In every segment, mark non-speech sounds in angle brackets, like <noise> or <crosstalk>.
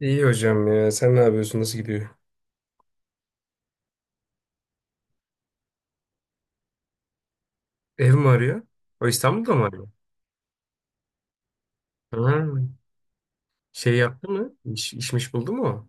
İyi hocam ya. Sen ne yapıyorsun? Nasıl gidiyor? Ev mi arıyor? O İstanbul'da mı arıyor? Ha, şey yaptı mı? İşmiş buldu mu? O?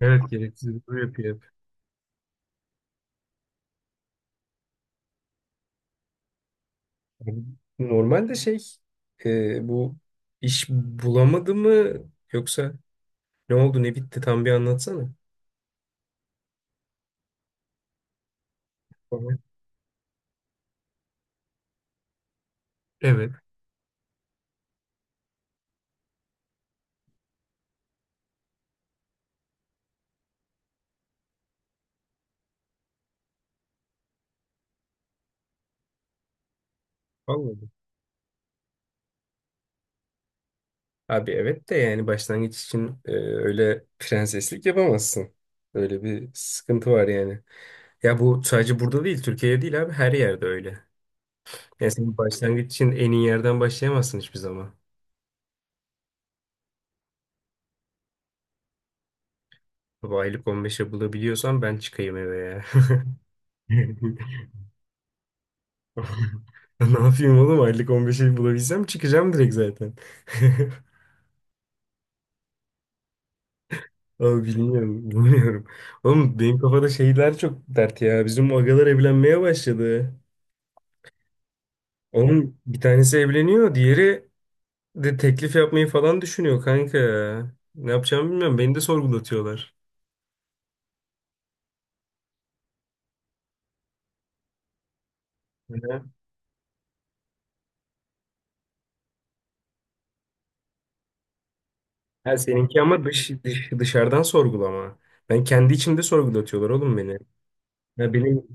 Evet, gereksiz bir şey yapıyor. Hep. Normalde şey, bu iş bulamadı mı, yoksa ne oldu ne bitti, tam bir anlatsana. Evet. Evet. Anladım. Abi evet de, yani başlangıç için öyle prenseslik yapamazsın. Öyle bir sıkıntı var yani. Ya bu sadece burada değil, Türkiye'de değil abi, her yerde öyle. Ya sen başlangıç için en iyi yerden başlayamazsın hiçbir zaman. Baba, aylık 15'e bulabiliyorsan ben çıkayım eve ya. <laughs> Ne yapayım oğlum, aylık 15'e bulabilsem çıkacağım direkt zaten. <laughs> Abi bilmiyorum, bilmiyorum. Oğlum, benim kafada şeyler çok dert ya. Bizim agalar evlenmeye başladı. Oğlum bir tanesi evleniyor, diğeri de teklif yapmayı falan düşünüyor kanka ya. Ne yapacağımı bilmiyorum. Beni de sorgulatıyorlar. Ha, seninki ama dışarıdan sorgulama. Ben kendi içimde sorgulatıyorlar oğlum beni. Ya benim,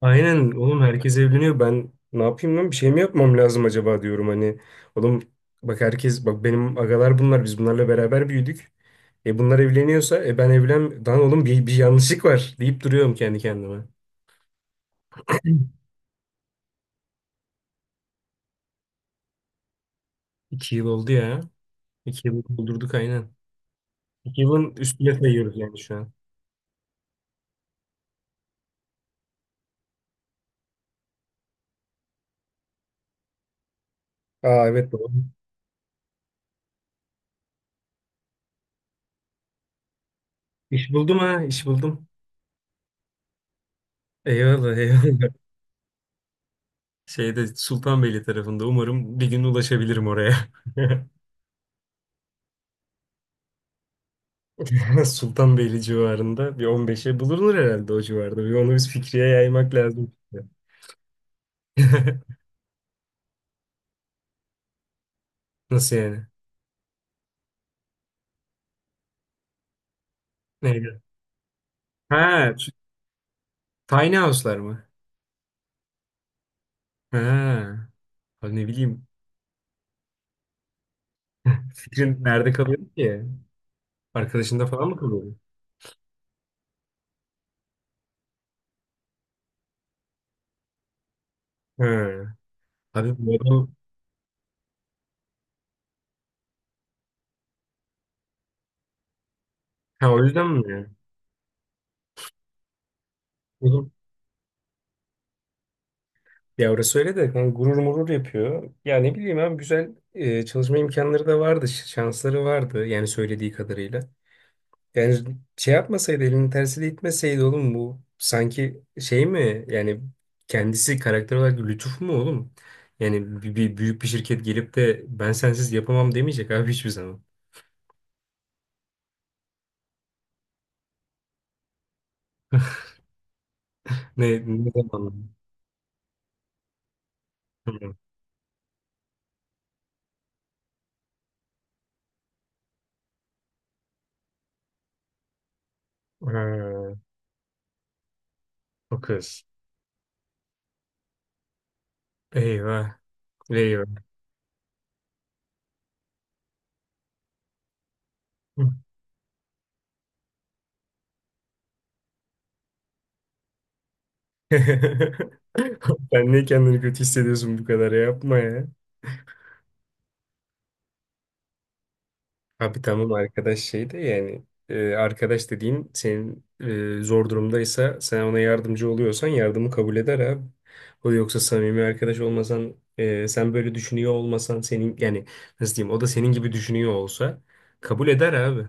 aynen oğlum, herkes evleniyor. Ben ne yapayım lan, bir şey mi yapmam lazım acaba diyorum hani. Oğlum bak, herkes, bak benim agalar, bunlar biz bunlarla beraber büyüdük. E bunlar evleniyorsa, e ben evlen lan oğlum, bir yanlışlık var deyip duruyorum kendi kendime. <clears throat> 2 yıl oldu ya. 2 yıl doldurduk aynen. 2 yılın üstüne sayıyoruz yani şu an. Aa evet, doğru. İş buldum, ha, iş buldum. Eyvallah, eyvallah. Şeyde, Sultanbeyli tarafında, umarım bir gün ulaşabilirim oraya. <laughs> Sultanbeyli civarında bir 15'e bulunur herhalde o civarda. Bir onu biz Fikri'ye yaymak lazım. <laughs> Nasıl yani? Neydi? Ha, şu tiny house'lar mı? Ha, abi ne bileyim. Fikrin nerede kalıyor ki? Arkadaşında falan mı kalıyor? Ha, abi bu adam, ha, o yüzden mi? Ya orası öyle de, hani gurur murur yapıyor. Ya ne bileyim abi, güzel çalışma imkanları da vardı, şansları vardı yani, söylediği kadarıyla. Yani şey yapmasaydı, elinin tersiyle itmeseydi oğlum, bu sanki şey mi yani, kendisi karakter olarak lütuf mu oğlum? Yani bir, bir büyük bir şirket gelip de ben sensiz yapamam demeyecek abi hiçbir zaman. Ne zaman? Hı. Ha, o kız. Eyvah. Eyvah. <laughs> Sen niye kendini kötü hissediyorsun bu kadar ya? Yapma ya. Abi tamam, arkadaş şey de yani, arkadaş dediğin senin, zor durumdaysa, sen ona yardımcı oluyorsan, yardımı kabul eder abi. O yoksa samimi arkadaş olmasan, sen böyle düşünüyor olmasan, senin yani, nasıl diyeyim, o da senin gibi düşünüyor olsa kabul eder abi.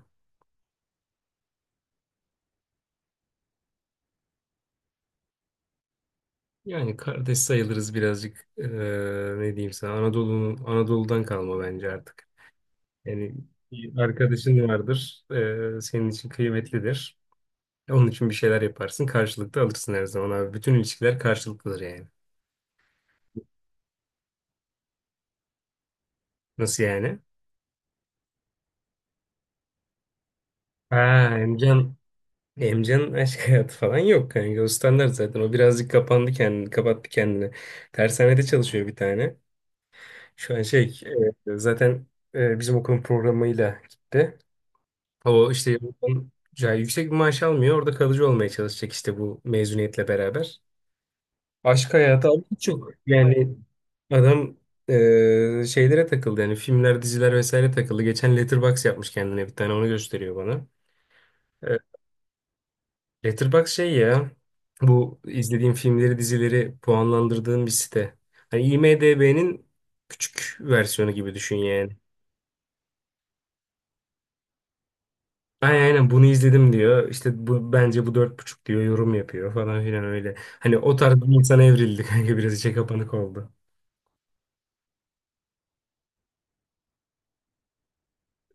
Yani kardeş sayılırız birazcık, ne diyeyim sana, Anadolu'nun, Anadolu'dan kalma bence artık. Yani bir arkadaşın vardır, senin için kıymetlidir. Onun için bir şeyler yaparsın. Karşılıklı alırsın her zaman abi. Bütün ilişkiler karşılıklıdır yani. Nasıl yani? Ha, Emcan. Emcan'ın aşk <laughs> hayatı falan yok kanka. O standart zaten. O birazcık kapandı kendini. Kapattı kendini. Tersanede çalışıyor bir tane. Şu an şey, zaten bizim okulun programıyla gitti. O işte okulun... ya, yüksek bir maaş almıyor. Orada kalıcı olmaya çalışacak işte, bu mezuniyetle beraber. Aşk hayatı abi çok... Yani adam şeylere takıldı yani, filmler, diziler vesaire takıldı. Geçen Letterboxd yapmış kendine, bir tane onu gösteriyor bana. E, Letterboxd şey ya, bu izlediğim filmleri, dizileri puanlandırdığım bir site. Hani IMDb'nin küçük versiyonu gibi düşün yani. Aynen, aynen bunu izledim diyor. İşte bu, bence bu 4,5 diyor, yorum yapıyor falan filan öyle. Hani o tarz bir insana evrildi kanka, biraz içe kapanık oldu.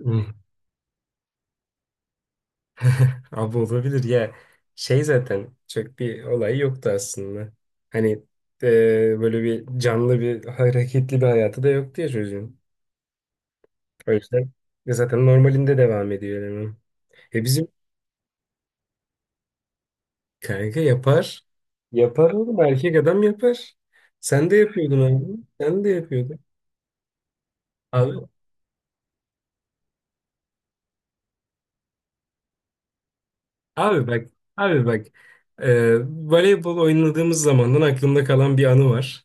<laughs> <laughs> Abi olabilir ya. Şey, zaten çok bir olay yoktu aslında. Hani böyle bir canlı bir hareketli bir hayatı da yoktu ya çocuğun. O yüzden zaten normalinde devam ediyor eleman. Bizim kanka yapar. Yapar oğlum, erkek adam yapar. Sen de yapıyordun abi. Sen de yapıyordun. Abi, abi bak abi bak, voleybol oynadığımız zamandan aklımda kalan bir anı var.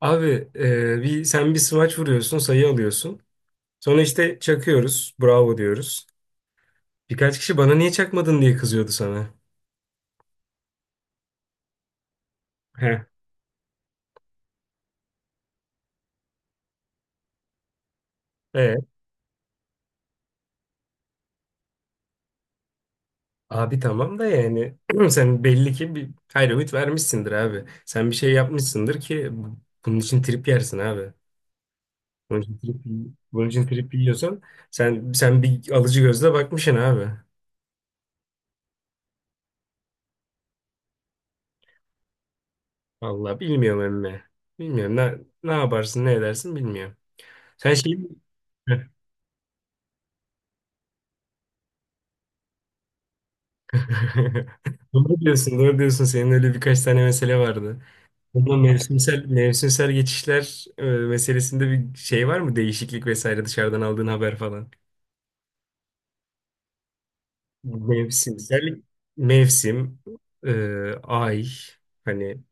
Abi bir sen bir smaç vuruyorsun, sayı alıyorsun. Sonra işte çakıyoruz, bravo diyoruz. Birkaç kişi bana niye çakmadın diye kızıyordu sana. He. E Abi tamam da yani, <clears throat> sen belli ki bir, hayır, ümit vermişsindir abi. Sen bir şey yapmışsındır ki bunun için trip yersin abi. Bunun için trip, bunun için trip yiyorsan, sen bir alıcı gözle bakmışsın abi. Vallahi bilmiyorum emmi. Bilmiyorum, ne yaparsın, ne edersin bilmiyorum. Sen şey... <laughs> Doğru diyorsun, doğru diyorsun. Senin öyle birkaç tane mesele vardı. Bu mevsimsel geçişler meselesinde bir şey var mı? Değişiklik vesaire, dışarıdan aldığın haber falan. Mevsimsel, mevsim, e, ay, hani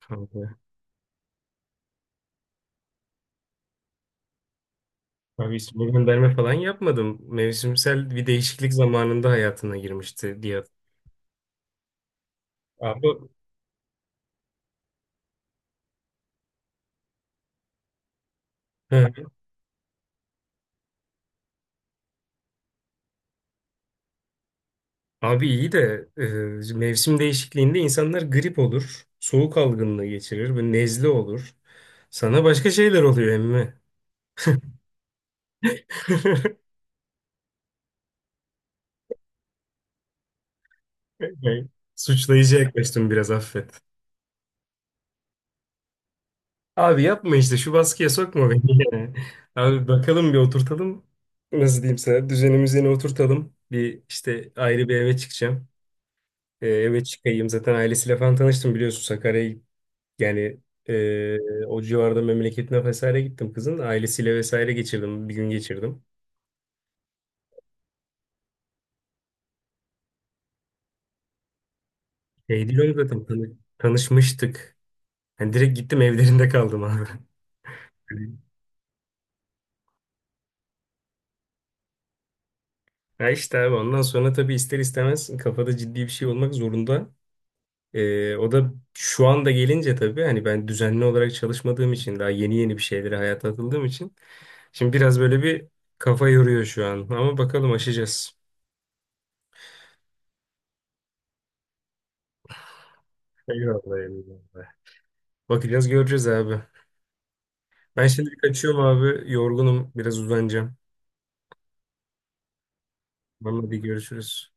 kanka. Abi ismi gönderme falan yapmadım. Mevsimsel bir değişiklik zamanında hayatına girmişti diye. Abi, he. Abi iyi de mevsim değişikliğinde insanlar grip olur, soğuk algınlığı geçirir ve nezle olur. Sana başka şeyler oluyor emmi. <laughs> <laughs> Bey, suçlayıcı yaklaştım biraz, affet. Abi yapma, işte şu baskıya sokma beni. <laughs> ya. Abi bakalım, bir oturtalım. Nasıl diyeyim sana, düzenimizi yine oturtalım. Bir işte ayrı bir eve çıkacağım. Eve çıkayım zaten. Ailesiyle falan tanıştım, biliyorsun, Sakarya'yı. Yani o civarda, memleketine vesaire gittim kızın. Ailesiyle vesaire geçirdim. Bir gün geçirdim. Şey değil oğlum, zaten tanışmıştık. Hani direkt gittim evlerinde kaldım abi. <laughs> Ya işte abi, ondan sonra tabii, ister istemez kafada ciddi bir şey olmak zorunda. O da şu anda gelince tabii, hani ben düzenli olarak çalışmadığım için, daha yeni yeni bir şeylere, hayata atıldığım için, şimdi biraz böyle bir kafa yoruyor şu an, ama bakalım, aşacağız. Eyvallah, eyvallah. Bakacağız, göreceğiz abi. Ben şimdi kaçıyorum abi, yorgunum, biraz uzanacağım. Tamam, hadi görüşürüz.